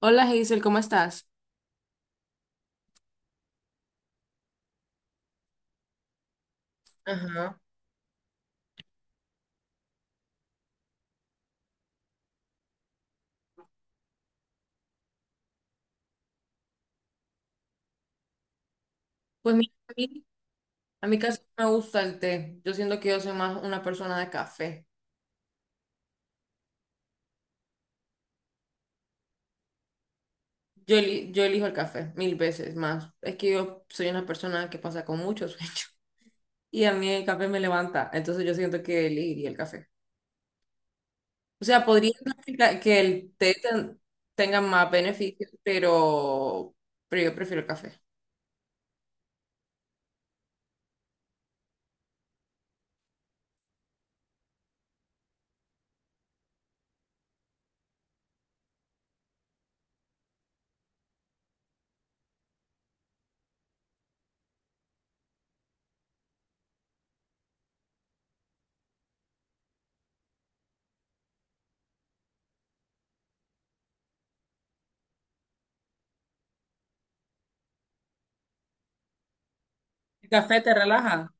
Hola Hazel, ¿cómo estás? Ajá. Pues mira, a mí casi no me gusta el té. Yo siento que yo soy más una persona de café. Yo, yo elijo el café mil veces más. Es que yo soy una persona que pasa con mucho sueño y a mí el café me levanta. Entonces yo siento que elegiría el café. O sea, podría ser que que el té tenga más beneficios, pero yo prefiero el café. ¿El café te relaja?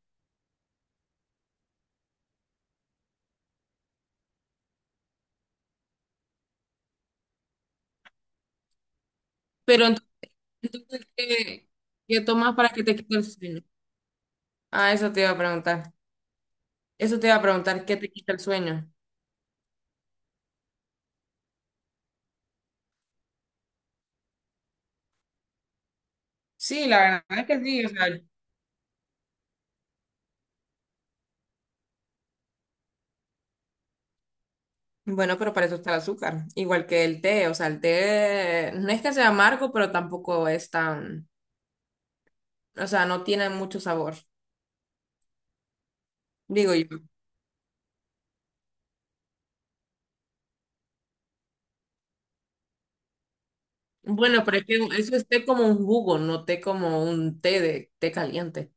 Pero entonces, ¿qué tomas para que te quite el sueño? Ah, eso te iba a preguntar. Eso te iba a preguntar, ¿qué te quita el sueño? Sí, la verdad es que sí, o sea, bueno, pero para eso está el azúcar, igual que el té, o sea, el té no es que sea amargo, pero tampoco es tan, o sea, no tiene mucho sabor, digo yo. Bueno, pero es que eso es té como un jugo, no té como un té de té caliente.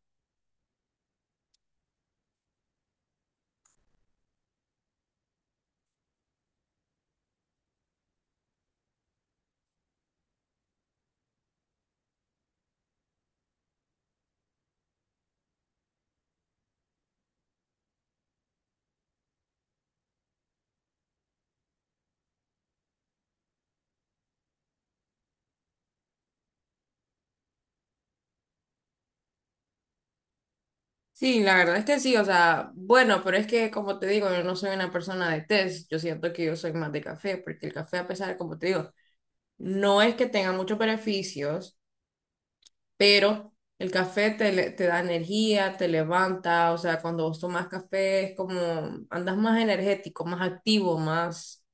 Sí, la verdad es que sí, o sea, bueno, pero es que como te digo, yo no soy una persona de tés, yo siento que yo soy más de café, porque el café, a pesar, como te digo, no es que tenga muchos beneficios, pero el café te da energía, te levanta, o sea, cuando vos tomas café es como andas más energético, más activo, más,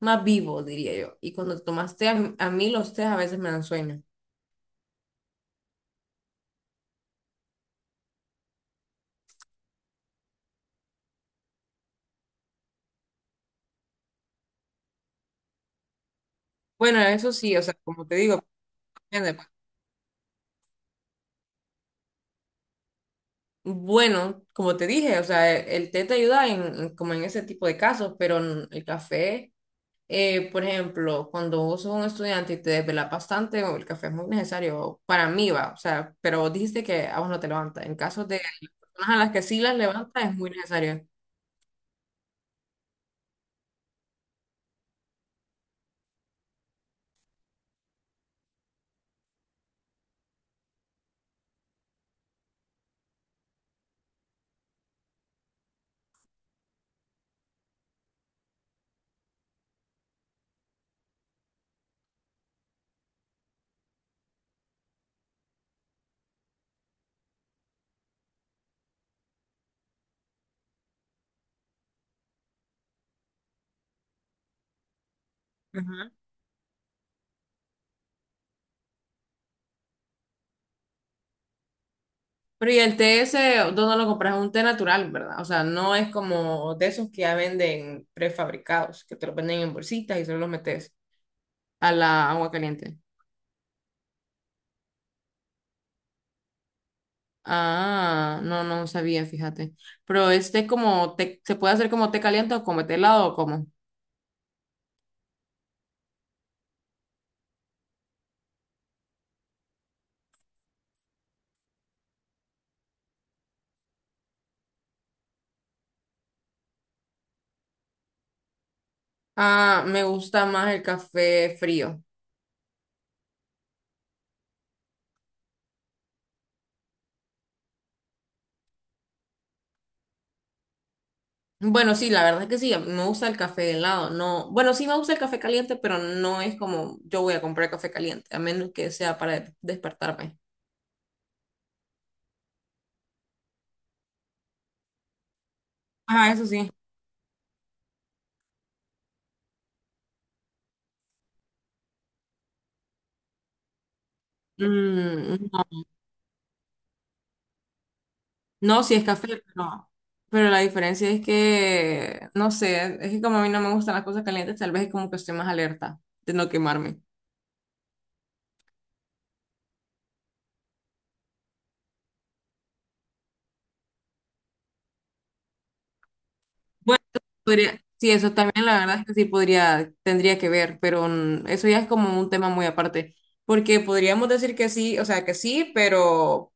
más vivo, diría yo. Y cuando tomas té, a mí los tés a veces me dan sueño. Bueno, eso sí, o sea, como te digo, depende, pues. Bueno, como te dije, o sea, el té te ayuda en, como en ese tipo de casos, pero el café, por ejemplo, cuando vos sos un estudiante y te desvelas bastante, o el café es muy necesario para mí, va, o sea, pero vos dijiste que a vos no te levanta. En caso de las personas a las que sí las levanta, es muy necesario. Ujú. Pero y el té ese, ¿dónde lo compras? Es un té natural, ¿verdad? O sea, no es como de esos que ya venden prefabricados, que te los venden en bolsitas y solo los metes a la agua caliente. Ah, no, no sabía, fíjate. Pero este como té, ¿se puede hacer como té caliente o como té helado o cómo? Ah, me gusta más el café frío. Bueno, sí, la verdad es que sí, me gusta el café helado. No, bueno, sí me gusta el café caliente, pero no es como yo voy a comprar café caliente, a menos que sea para despertarme. Ah, eso sí. Mm, no, no, sí es café, pero la diferencia es que, no sé, es que como a mí no me gustan las cosas calientes, tal vez es como que estoy más alerta de no quemarme. Bueno, podría, sí, eso también la verdad es que sí podría, tendría que ver, pero mm, eso ya es como un tema muy aparte, porque podríamos decir que sí, o sea, que sí,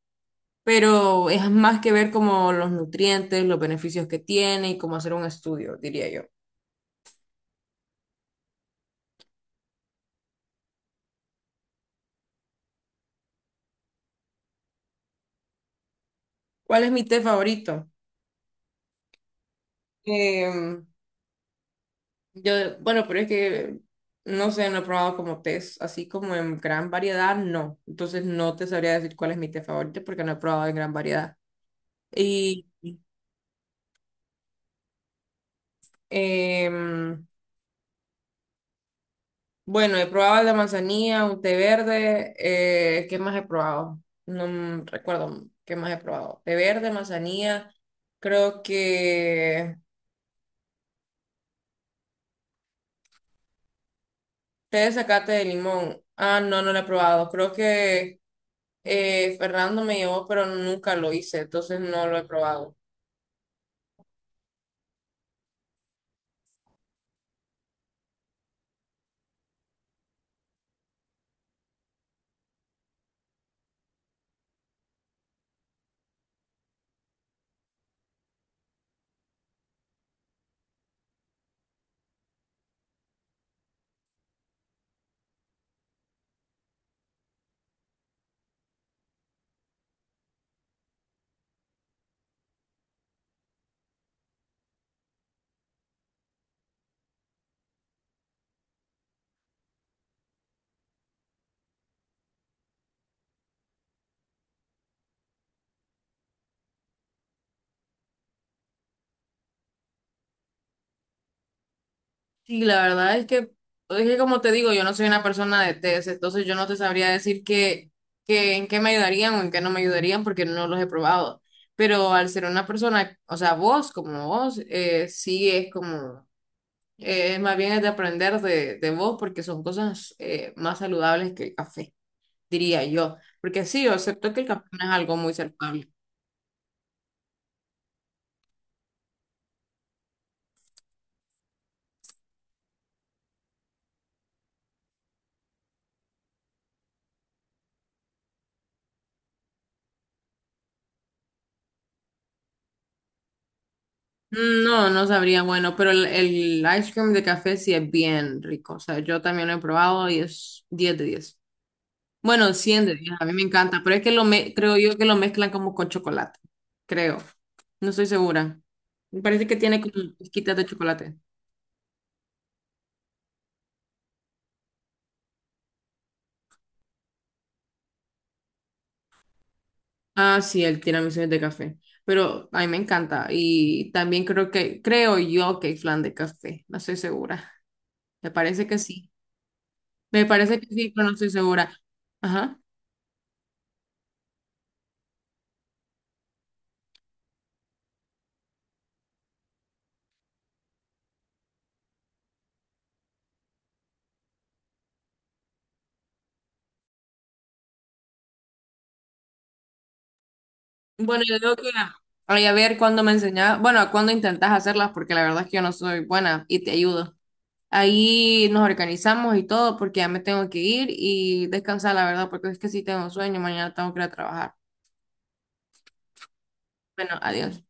pero es más que ver como los nutrientes, los beneficios que tiene y cómo hacer un estudio, diría yo. ¿Cuál es mi té favorito? Em, yo, bueno, pero es que no sé, no he probado como tés, así como en gran variedad, no. Entonces no te sabría decir cuál es mi té favorito porque no he probado en gran variedad. Y... em, bueno, he probado el de manzanilla, un té verde. Eh, ¿qué más he probado? No m- recuerdo qué más he probado. Té verde, manzanilla. Creo que té de zacate de limón. Ah, no, no lo he probado. Creo que Fernando me llevó, pero nunca lo hice, entonces no lo he probado. Sí, la verdad es que como te digo, yo no soy una persona de test, entonces yo no te sabría decir que en qué me ayudarían o en qué no me ayudarían porque no los he probado. Pero al ser una persona, o sea, vos como vos, sí es como, más bien es de aprender de vos porque son cosas más saludables que el café, diría yo. Porque sí, yo acepto que el café no es algo muy saludable. Mm, no, no sabría, bueno, pero el ice cream de café sí es bien rico. O sea, yo también lo he probado y es 10 de diez. Bueno, cien de 10, a mí me encanta, pero es que lo me creo yo que lo mezclan como con chocolate, creo. No estoy segura. Me parece que tiene como pizquitas de chocolate. Ah, sí, el tiramisú es de café, pero a mí me encanta y también creo que creo yo que hay flan de café, no estoy segura. Me parece que sí. Me parece que sí, pero no estoy segura. Ajá. Bueno, yo creo que ay, a ver cuándo me enseñas, bueno, cuándo intentas hacerlas porque la verdad es que yo no soy buena y te ayudo. Ahí nos organizamos y todo porque ya me tengo que ir y descansar, la verdad, porque es que sí tengo sueño, mañana tengo que ir a trabajar. Bueno, adiós.